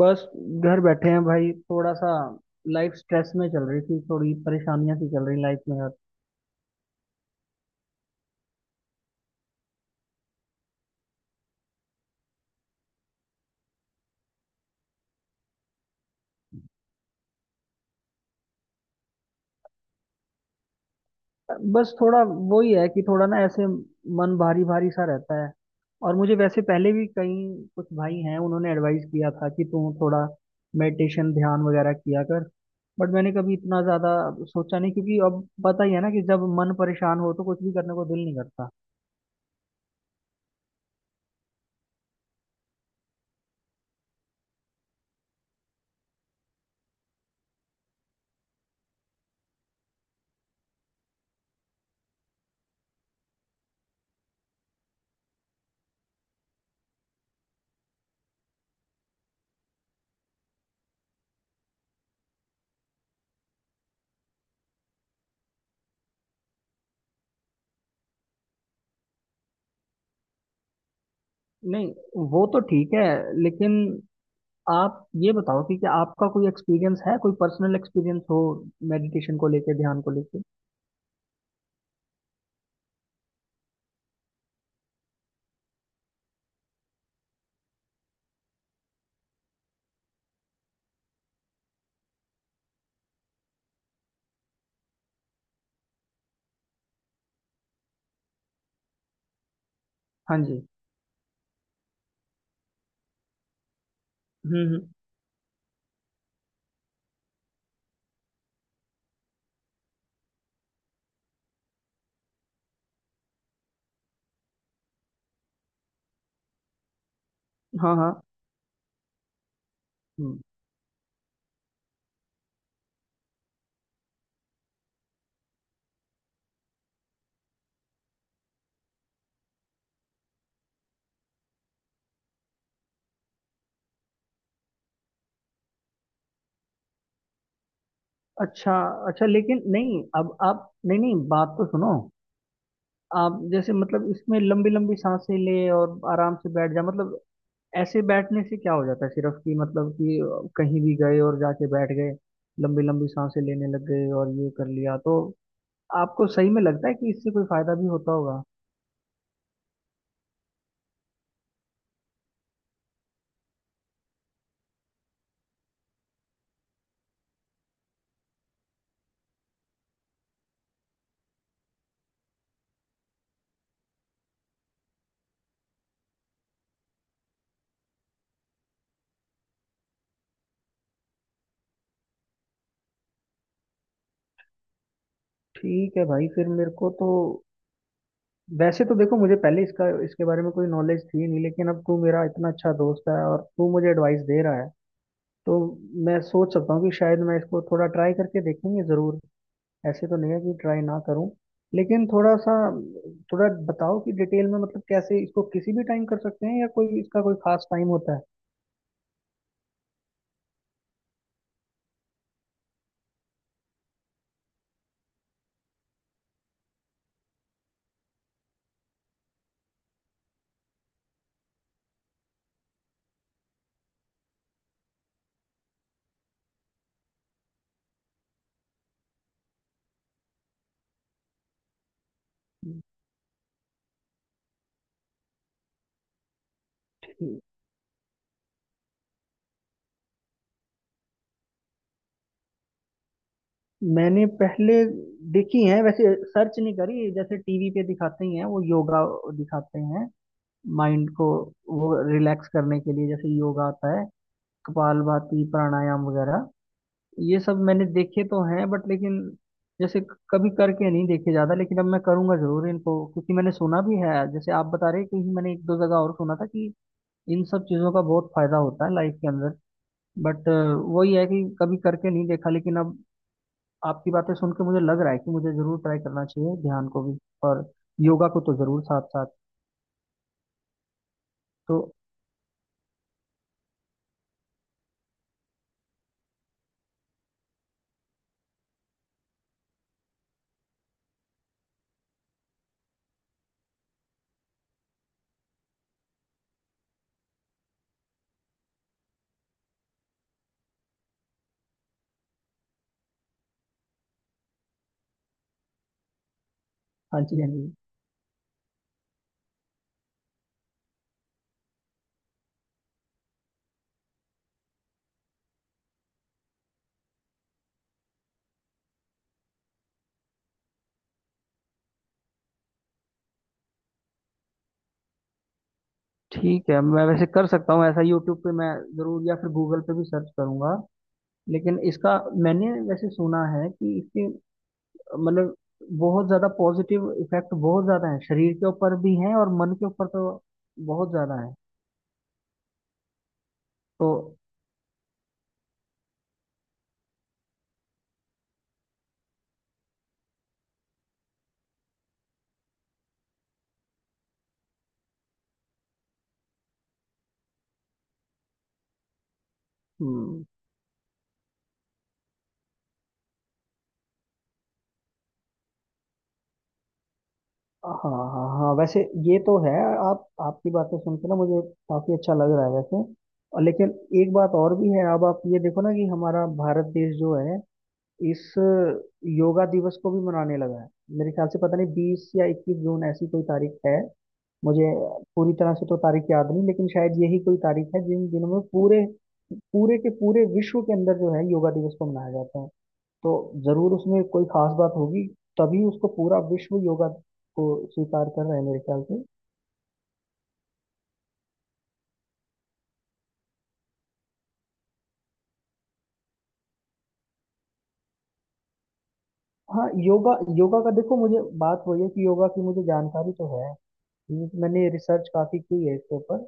बस घर बैठे हैं भाई। थोड़ा सा लाइफ स्ट्रेस में चल रही थी, थोड़ी परेशानियां सी चल रही लाइफ में यार। बस थोड़ा वो ही है कि थोड़ा ना ऐसे मन भारी भारी सा रहता है। और मुझे वैसे पहले भी कई कुछ भाई हैं उन्होंने एडवाइस किया था कि तू थोड़ा मेडिटेशन ध्यान वगैरह किया कर। बट मैंने कभी इतना ज्यादा सोचा नहीं, क्योंकि अब पता ही है ना कि जब मन परेशान हो तो कुछ भी करने को दिल नहीं करता। नहीं, वो तो ठीक है लेकिन आप ये बताओ कि क्या आपका कोई एक्सपीरियंस है, कोई पर्सनल एक्सपीरियंस हो मेडिटेशन को लेके, ध्यान को लेके। हाँ जी। हम्म। हाँ हाँ। हम्म। अच्छा। अच्छा, लेकिन नहीं, अब आप, नहीं नहीं, बात तो सुनो। आप जैसे मतलब इसमें लंबी लंबी सांसें ले और आराम से बैठ जा, मतलब ऐसे बैठने से क्या हो जाता है सिर्फ, कि मतलब कि कहीं भी गए और जाके बैठ गए, लंबी लंबी सांसें लेने लग गए और ये कर लिया, तो आपको सही में लगता है कि इससे कोई फायदा भी होता होगा? ठीक है भाई, फिर मेरे को तो वैसे तो देखो, मुझे पहले इसका इसके बारे में कोई नॉलेज थी नहीं, लेकिन अब तू मेरा इतना अच्छा दोस्त है और तू मुझे एडवाइस दे रहा है, तो मैं सोच सकता हूँ कि शायद मैं इसको थोड़ा ट्राई करके देखेंगे ज़रूर। ऐसे तो नहीं है कि ट्राई ना करूँ, लेकिन थोड़ा सा, थोड़ा बताओ कि डिटेल में, मतलब कैसे इसको, किसी भी टाइम कर सकते हैं या कोई इसका कोई खास टाइम होता है। मैंने पहले देखी है, वैसे सर्च नहीं करी, जैसे टीवी पे दिखाते ही हैं वो योगा दिखाते हैं, माइंड को वो रिलैक्स करने के लिए। जैसे योगा आता है कपालभाति प्राणायाम वगैरह, ये सब मैंने देखे तो हैं बट, लेकिन जैसे कभी करके नहीं देखे ज्यादा। लेकिन अब मैं करूंगा जरूर इनको, क्योंकि मैंने सुना भी है जैसे आप बता रहे हैं, कि मैंने एक दो जगह और सुना था कि इन सब चीजों का बहुत फायदा होता है लाइफ के अंदर। बट वही है कि कभी करके नहीं देखा, लेकिन अब आपकी बातें सुन के मुझे लग रहा है कि मुझे जरूर ट्राई करना चाहिए ध्यान को भी, और योगा को तो जरूर, साथ साथ तो। हाँ जी हाँ जी। ठीक है, मैं वैसे कर सकता हूँ ऐसा। यूट्यूब पे मैं ज़रूर या फिर गूगल पे भी सर्च करूंगा। लेकिन इसका मैंने वैसे सुना है कि इसके, मतलब बहुत ज़्यादा पॉजिटिव इफेक्ट बहुत ज़्यादा है शरीर के ऊपर भी है, और मन के ऊपर तो बहुत ज़्यादा है तो। हम्म, हाँ हाँ हाँ। वैसे ये तो है। आप आपकी बातें सुनकर ना मुझे काफ़ी अच्छा लग रहा है वैसे। और लेकिन एक बात और भी है। अब आप ये देखो ना कि हमारा भारत देश जो है इस योगा दिवस को भी मनाने लगा है। मेरे ख्याल से पता नहीं 20 या 21 जून ऐसी कोई तारीख है, मुझे पूरी तरह से तो तारीख याद नहीं, लेकिन शायद यही कोई तारीख है जिन दिनों में पूरे, पूरे के पूरे विश्व के अंदर जो है योगा दिवस को मनाया जाता है। तो जरूर उसमें कोई खास बात होगी, तभी उसको पूरा विश्व योगा को स्वीकार कर रहा है, मेरे ख्याल से। हाँ योगा, योगा का देखो, मुझे बात वही है कि योगा की मुझे जानकारी तो है, मैंने रिसर्च काफी की है इसके ऊपर।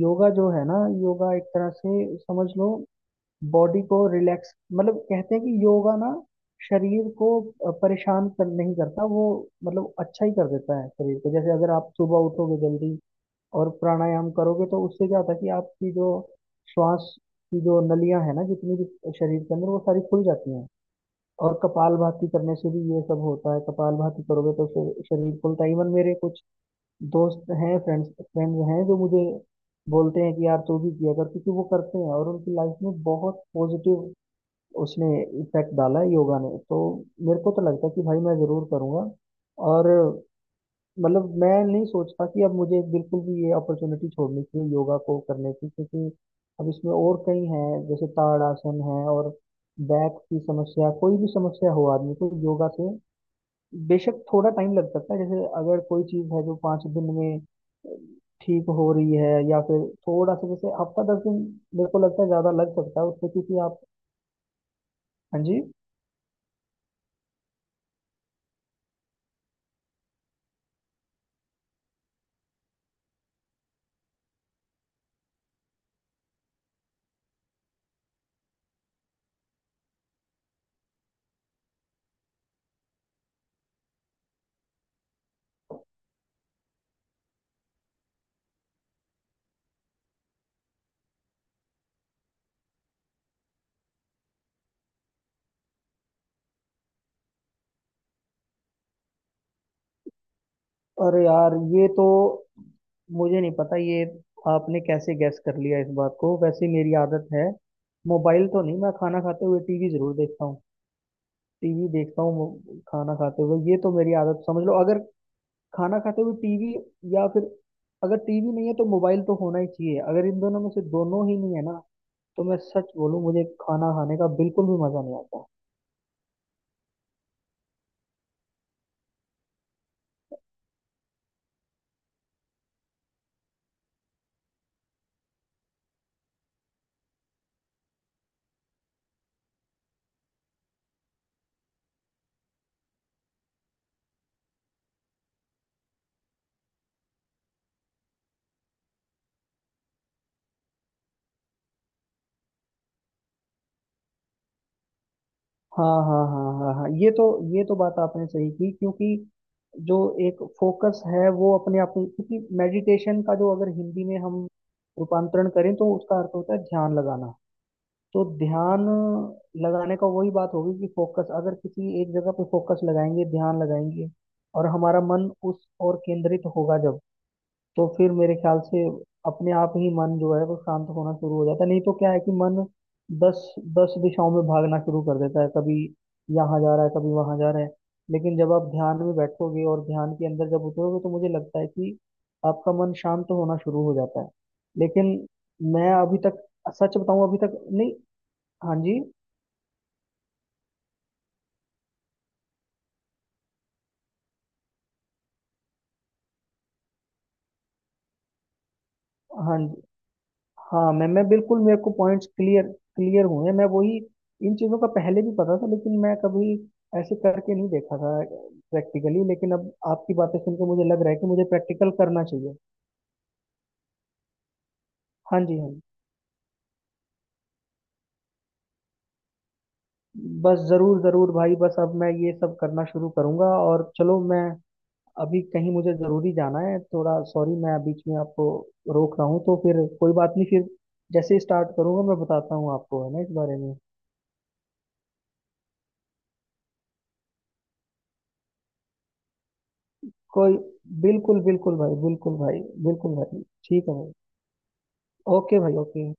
योगा जो है ना, योगा एक तरह से समझ लो बॉडी को रिलैक्स, मतलब कहते हैं कि योगा ना शरीर को परेशान कर नहीं करता, वो मतलब अच्छा ही कर देता है शरीर को। जैसे अगर आप सुबह उठोगे जल्दी और प्राणायाम करोगे, तो उससे क्या होता है कि आपकी जो श्वास की जो नलियां है ना, जितनी भी शरीर के अंदर, वो सारी खुल जाती हैं। और कपालभाति करने से भी ये सब होता है। कपालभाति करोगे तो फिर शरीर खुलता है। इवन मेरे कुछ दोस्त हैं, फ्रेंड्स फ्रेंड्स हैं जो मुझे बोलते हैं कि यार तू भी किया कर, क्योंकि वो करते हैं और उनकी लाइफ में बहुत पॉजिटिव उसने इफेक्ट डाला है योगा ने, तो मेरे को तो लगता है कि भाई मैं जरूर करूँगा। और मतलब मैं नहीं सोचता कि अब मुझे बिल्कुल भी ये अपॉर्चुनिटी छोड़नी चाहिए योगा को करने की, क्योंकि अब इसमें और कई हैं जैसे ताड़ासन है, और बैक की समस्या, कोई भी समस्या हो आदमी को योगा से बेशक थोड़ा टाइम लग सकता है। जैसे अगर कोई चीज़ है जो पाँच दिन में ठीक हो रही है या फिर थोड़ा सा जैसे हफ्ता दस दिन मेरे को लगता है ज़्यादा लग सकता है उससे, क्योंकि आप। हाँ जी। अरे यार ये तो, मुझे नहीं पता ये आपने कैसे गैस कर लिया इस बात को। वैसे मेरी आदत है, मोबाइल तो नहीं, मैं खाना खाते हुए टीवी जरूर देखता हूँ। टीवी देखता हूँ, खाना खाते हुए, ये तो मेरी आदत समझ लो। अगर खाना खाते हुए टीवी, या फिर अगर टीवी नहीं है तो मोबाइल तो होना ही चाहिए। अगर इन दोनों में से दोनों ही नहीं है ना, तो मैं सच बोलूं मुझे खाना खाने का बिल्कुल भी मजा नहीं आता। हाँ हाँ हाँ हाँ हाँ, ये तो, ये तो बात आपने सही की, क्योंकि जो एक फोकस है वो अपने आप में, क्योंकि मेडिटेशन का जो अगर हिंदी में हम रूपांतरण करें तो उसका अर्थ होता है ध्यान लगाना। तो ध्यान लगाने का वही बात होगी कि फोकस, अगर किसी एक जगह पे फोकस लगाएंगे ध्यान लगाएंगे और हमारा मन उस ओर केंद्रित होगा जब, तो फिर मेरे ख्याल से अपने आप ही मन जो है वो शांत होना शुरू हो जाता है। नहीं तो क्या है कि मन दस, दस दिशाओं में भागना शुरू कर देता है, कभी यहाँ जा रहा है कभी वहाँ जा रहा है। लेकिन जब आप ध्यान में बैठोगे और ध्यान के अंदर जब उतरोगे तो मुझे लगता है कि आपका मन शांत होना शुरू हो जाता है। लेकिन मैं अभी तक, सच बताऊं अभी तक नहीं। हाँ जी हाँ जी। हाँ, मैं बिल्कुल, मेरे को पॉइंट्स क्लियर, क्लियर हुए हैं। मैं वही इन चीज़ों का पहले भी पता था लेकिन मैं कभी ऐसे करके नहीं देखा था प्रैक्टिकली, लेकिन अब आपकी बातें सुन के मुझे लग रहा है कि मुझे प्रैक्टिकल करना चाहिए। हाँ जी हाँ जी। बस ज़रूर ज़रूर भाई, बस अब मैं ये सब करना शुरू करूँगा। और चलो मैं अभी कहीं मुझे ज़रूरी जाना है थोड़ा, सॉरी मैं बीच में आपको रोक रहा हूँ, तो फिर कोई बात नहीं, फिर जैसे स्टार्ट करूँगा मैं बताता हूँ आपको है ना इस बारे में कोई। बिल्कुल बिल्कुल भाई, बिल्कुल भाई, बिल्कुल भाई। ठीक है भाई। ओके भाई, ओके।